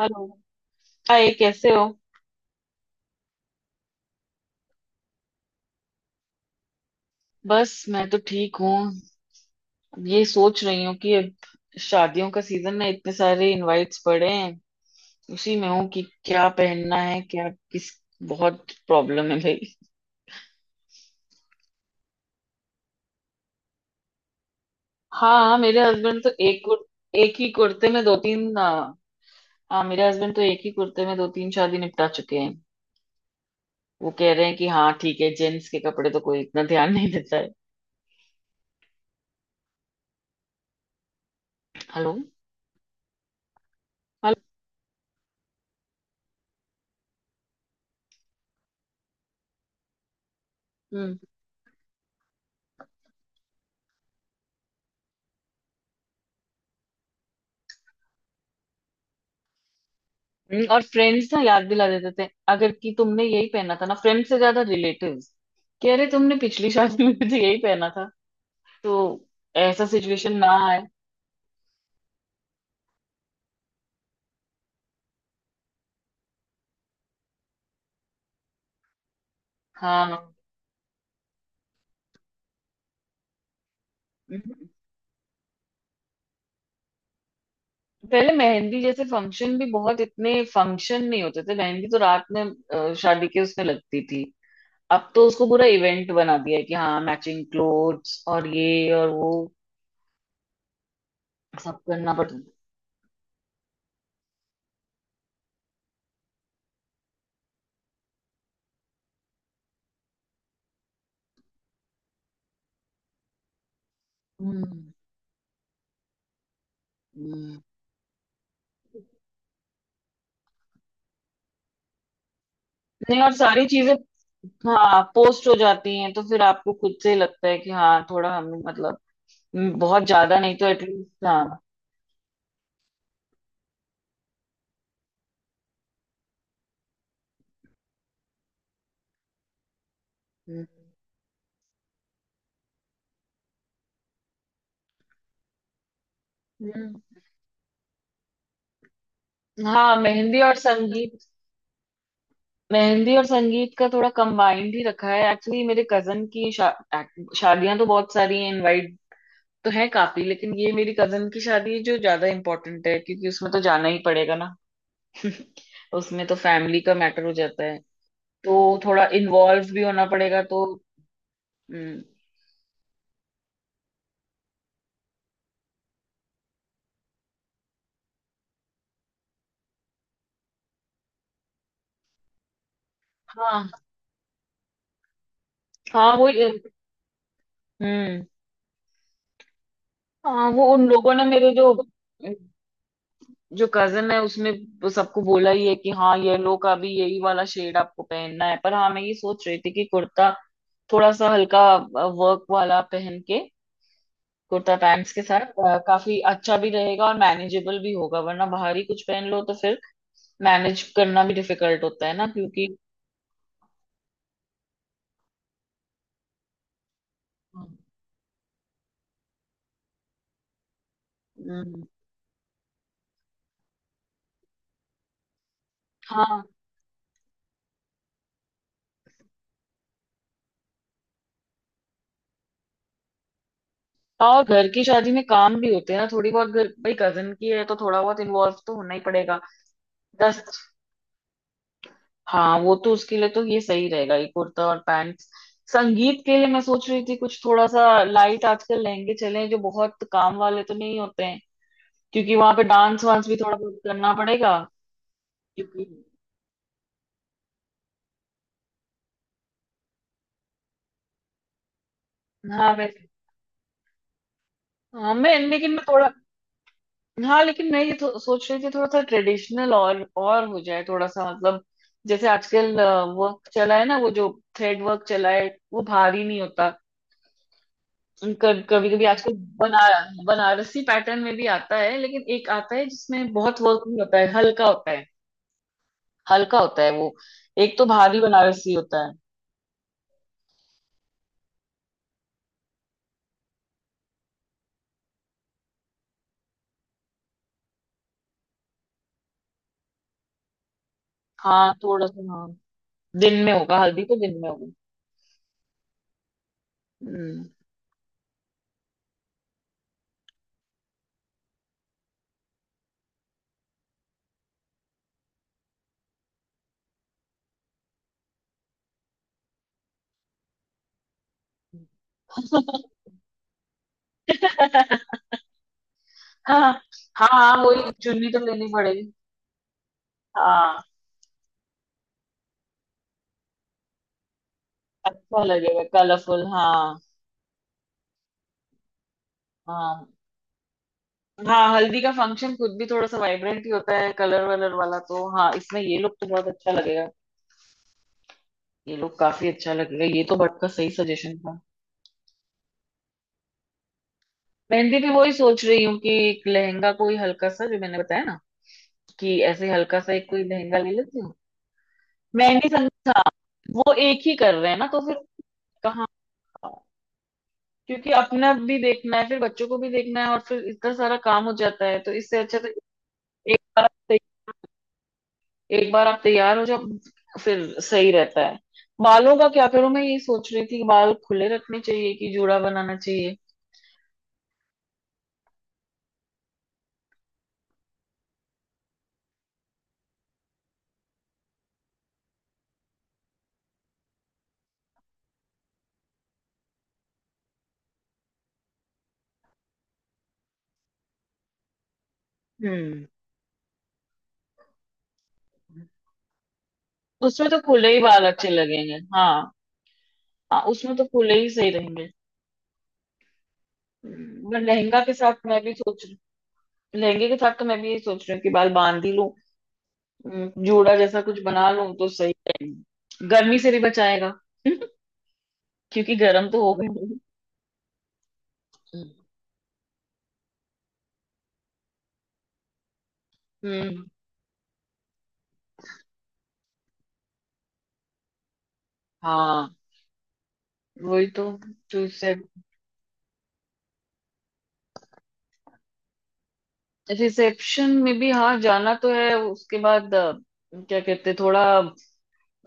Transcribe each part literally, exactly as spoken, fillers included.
Hello. Hi, कैसे हो? बस मैं तो ठीक हूँ। अब ये सोच रही हूँ कि अब शादियों का सीजन है, इतने सारे इनवाइट्स पड़े हैं। उसी में हूँ कि क्या पहनना है, क्या किस। बहुत प्रॉब्लम है भाई। हाँ, हाँ, मेरे हस्बैंड तो एक कुर, एक ही कुर्ते में दो तीन आ, हाँ, मेरे हस्बैंड तो एक ही कुर्ते में दो तीन शादी निपटा चुके हैं। वो कह रहे हैं कि हाँ ठीक है, जेंट्स के कपड़े तो कोई इतना ध्यान नहीं देता है। हेलो? हेलो? हम्म। हम्म, और फ्रेंड्स ना याद दिला देते थे, अगर कि तुमने यही पहना था ना। फ्रेंड से ज्यादा रिलेटिव्स कि अरे, तुमने पिछली शादी में भी तो यही पहना था, तो ऐसा सिचुएशन ना आए। हाँ। हम्म। पहले मेहंदी जैसे फंक्शन भी बहुत, इतने फंक्शन नहीं होते थे। मेहंदी तो रात में अ, शादी के उसमें लगती थी। अब तो उसको पूरा इवेंट बना दिया है कि हाँ, मैचिंग क्लोथ्स और ये और वो, सब करना पड़ता। हम्म, हम्म। नहीं, और सारी चीजें। हाँ, पोस्ट हो जाती हैं तो फिर आपको खुद से ही लगता है कि हाँ, थोड़ा हम, मतलब, हम्म, बहुत ज्यादा नहीं तो एटलीस्ट, हाँ। हम्म, हम्म। हाँ, मेहंदी और संगीत। मेहंदी और संगीत का थोड़ा कंबाइंड ही रखा है एक्चुअली। मेरे कजन की शा, शादियां तो बहुत सारी हैं इनवाइट तो है, काफी, लेकिन ये मेरी कजन की शादी है जो ज्यादा इम्पोर्टेंट है, क्योंकि उसमें तो जाना ही पड़ेगा ना। उसमें तो फैमिली का मैटर हो जाता है, तो थोड़ा इन्वॉल्व भी होना पड़ेगा तो। हम्म। हाँ, हाँ, वो हम्म, हाँ, वो उन लोगों ने मेरे जो जो कजन है, उसने वो सबको बोला ही है कि हाँ, येलो का भी यही वाला शेड आपको पहनना है। पर हाँ, मैं ये सोच रही थी कि कुर्ता थोड़ा सा हल्का वर्क वाला पहन के कुर्ता पैंट्स के साथ अ, काफी अच्छा भी रहेगा और मैनेजेबल भी होगा, वरना बाहरी कुछ पहन लो तो फिर मैनेज करना भी डिफिकल्ट होता है ना, क्योंकि। हम्म, हाँ, और घर की शादी में काम भी होते हैं ना थोड़ी बहुत। घर भाई कजन की है तो थोड़ा बहुत इन्वॉल्व तो होना ही पड़ेगा। दस। हाँ, वो तो उसके लिए तो ये सही रहेगा, ये कुर्ता और पैंट्स। संगीत के लिए मैं सोच रही थी कुछ थोड़ा सा लाइट। आजकल लहंगे चले जो बहुत काम वाले तो नहीं होते हैं, क्योंकि वहां पे डांस वांस भी थोड़ा बहुत करना पड़ेगा, क्योंकि। हाँ, वैसे। हाँ, मैं लेकिन मैं थोड़ा, हाँ, लेकिन मैं ये थो, सोच रही थी थोड़ा सा ट्रेडिशनल और और हो जाए, थोड़ा सा, मतलब, जैसे आजकल वर्क चला है ना, वो जो थ्रेड वर्क चला है, वो भारी नहीं होता। कभी कभी आजकल बना बनारसी पैटर्न में भी आता है, लेकिन एक आता है जिसमें बहुत वर्क नहीं होता है, हल्का होता है, हल्का होता है वो। एक तो भारी बनारसी होता है। हाँ, थोड़ा सा, हाँ। दिन में होगा, हल्दी तो दिन में होगी। हम्म। हाँ, हाँ। हाँ, वही चुन्नी तो लेनी पड़ेगी। हाँ, अच्छा लगेगा कलरफुल, हाँ। हाँ, हाँ, हल्दी का फंक्शन खुद भी थोड़ा सा वाइब्रेंट ही होता है कलर वलर वाला, तो हाँ, इसमें ये लोग तो बहुत अच्छा लगेगा। ये लोग काफी अच्छा लगेगा, ये तो बट का सही सजेशन था। मेहंदी भी वही सोच रही हूँ कि एक लहंगा कोई हल्का सा, जो मैंने बताया ना, कि ऐसे हल्का सा एक कोई लहंगा ले लेती हूँ। मेहंदी संगीत, हाँ। वो एक ही कर रहे हैं ना, तो फिर कहाँ। क्योंकि अपना भी देखना है, फिर बच्चों को भी देखना है और फिर इतना सारा काम हो जाता है, तो इससे अच्छा तो एक बार आप तै- एक बार आप तैयार हो जाओ, फिर सही रहता है। बालों का क्या करूं? मैं ये सोच रही थी कि बाल खुले रखने चाहिए कि जूड़ा बनाना चाहिए। हम्म उसमें तो खुले ही बाल अच्छे लगेंगे, हाँ। हाँ, उसमें तो खुले ही सही रहेंगे। हम्म, पर लहंगा के साथ मैं भी सोच रही। लहंगे के साथ तो मैं भी ये सोच रही हूँ कि बाल बांध ही लूं, हम्म, जूड़ा जैसा कुछ बना लूं तो सही रहेंगे, गर्मी से भी बचाएगा। क्योंकि गर्म तो हो गए। हम्म, हाँ, वही तो। रिसेप्शन में भी हाँ, जाना तो है उसके बाद। अ, क्या कहते हैं, थोड़ा,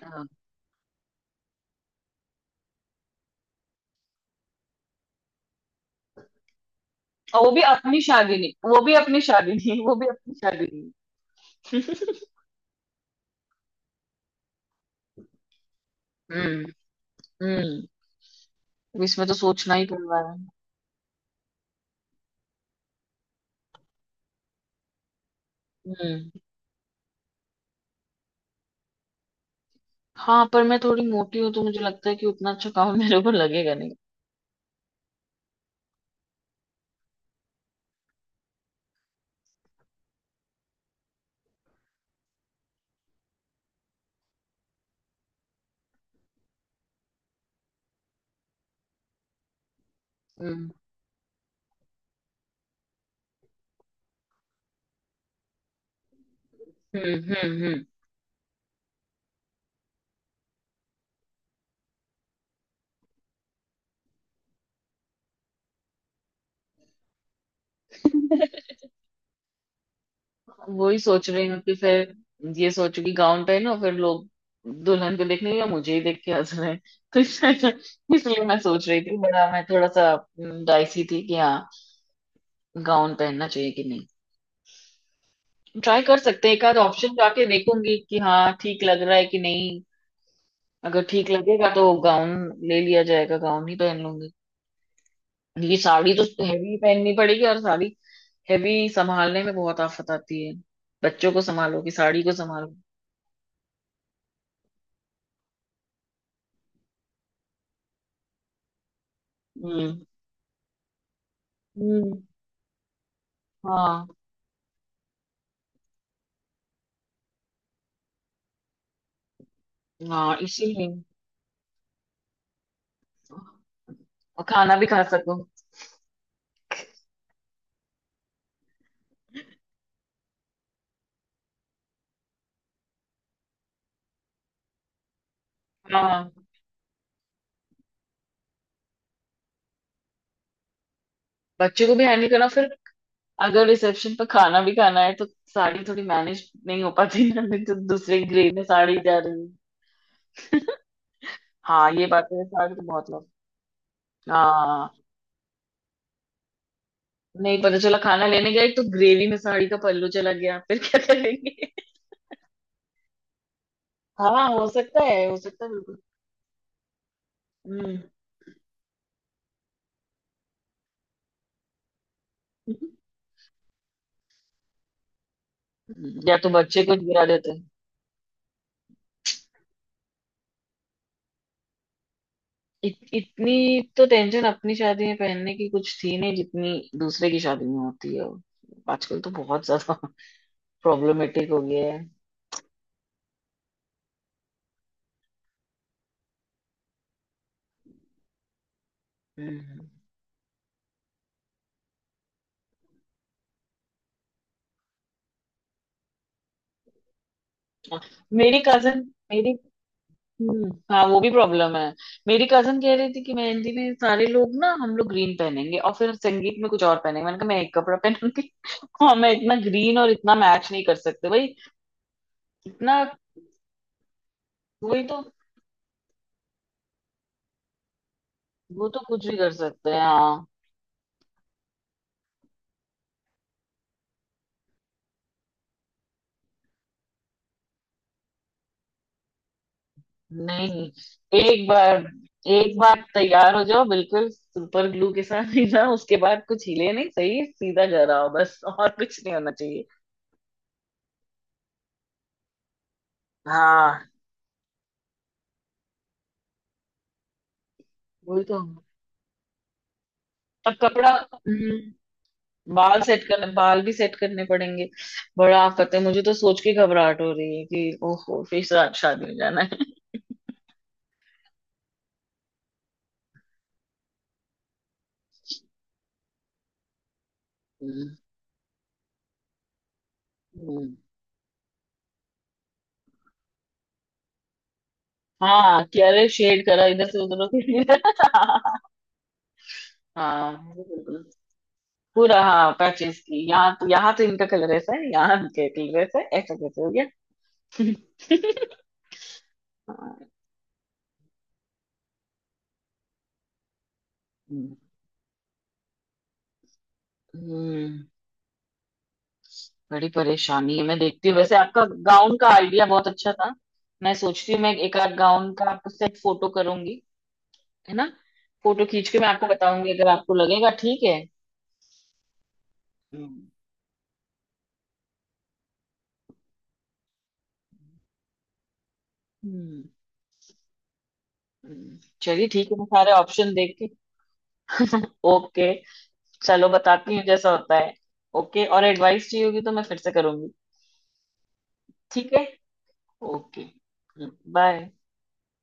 अ, वो भी अपनी शादी नहीं, वो भी अपनी शादी नहीं, वो भी अपनी शादी नहीं। हम्म, हम्म। तो इसमें तो सोचना ही पड़ रहा है। हम्म। हाँ, पर मैं थोड़ी मोटी हूँ तो मुझे लगता है कि उतना अच्छा काम मेरे ऊपर लगेगा नहीं। हम्म, हम्म, हम्म, हम्म। वही सोच रही हूँ कि फिर ये सोचू कि गाउन पहनो, फिर लोग दुल्हन को देखने या मुझे ही देख के हंस रहे हैं, तो इसलिए, इसलिए मैं सोच रही थी, बड़ा मैं थोड़ा सा डाइसी थी कि हाँ, गाउन पहनना चाहिए कि नहीं। ट्राई कर सकते हैं एक आध ऑप्शन, जाके देखूंगी कि हाँ ठीक लग रहा है कि नहीं। अगर ठीक लगेगा तो गाउन ले लिया जाएगा, गाउन ही पहन लूंगी, क्योंकि साड़ी तो हैवी पहननी पड़ेगी, और साड़ी हैवी संभालने में बहुत आफत आती है। बच्चों को संभालो कि साड़ी को संभालो। हम्म, हम्म। हाँ, हाँ, इसीलिए, और खाना भी खा सको। हाँ, बच्चों को भी हैंडल करना फिर, अगर रिसेप्शन पर खाना भी खाना है तो साड़ी थोड़ी मैनेज नहीं हो पाती ना। नहीं तो दूसरे ग्रेड में साड़ी जा रही है। हाँ, ये बात है, साड़ी तो बहुत लग। हाँ, नहीं पता चला खाना लेने गए तो ग्रेवी में साड़ी का पल्लू चला गया, फिर क्या करेंगे। हाँ, हो सकता है, हो सकता है बिल्कुल। हम्म या तो बच्चे कुछ गिरा देते हैं। इत, इतनी तो टेंशन अपनी शादी में पहनने की कुछ थी नहीं जितनी दूसरे की शादी में होती है। आजकल तो बहुत ज्यादा प्रॉब्लमेटिक हो गया है। हम्म। मेरी कजन मेरी हम्म, हाँ, वो भी प्रॉब्लम है। मेरी कजन कह रही थी कि मेहंदी में सारे लोग ना, हम लोग ग्रीन पहनेंगे, और फिर संगीत में कुछ और पहनेंगे। मैंने कहा मैं एक कपड़ा पहनूंगी। हाँ, मैं इतना ग्रीन और इतना मैच नहीं कर सकते भाई। इतना। वही तो। वो तो कुछ भी कर सकते हैं, हाँ। नहीं, एक बार, एक बार तैयार हो जाओ बिल्कुल सुपर ग्लू के साथ, सीधा, उसके बाद कुछ हिले नहीं, सही सीधा जा रहा हो बस, और कुछ नहीं होना चाहिए। हाँ, वही तो। अब कपड़ा। हम्म। बाल सेट करने बाल भी सेट करने पड़ेंगे। बड़ा आफत है, मुझे तो सोच के घबराहट हो रही है कि ओहो, फिर सा- शादी में जाना है। हम्म, हम्म। हाँ कि अरे, शेड करा इधर से उधर होके। हाँ, बिल्कुल। पूरा हाँ, पैचेस की, यहाँ तो, यहाँ तो इनका कलर ऐसा है, यहाँ इनका कलर ऐसा है, ऐसा कैसे हो गया। हाँ। हम्म बड़ी परेशानी है। मैं देखती हूँ वैसे, आपका गाउन का आइडिया बहुत अच्छा था। मैं सोचती हूँ मैं एक आध गाउन का आपको सेट फोटो करूंगी, है ना? फोटो खींच के मैं आपको बताऊंगी, अगर आपको लगेगा ठीक है। हम्म। हम्म, हम्म, चलिए ठीक है, मैं सारे ऑप्शन देख के। ओके, चलो बताती हूँ जैसा होता है। ओके, और एडवाइस चाहिए होगी तो मैं फिर से करूंगी। ठीक है। ओके। बाय।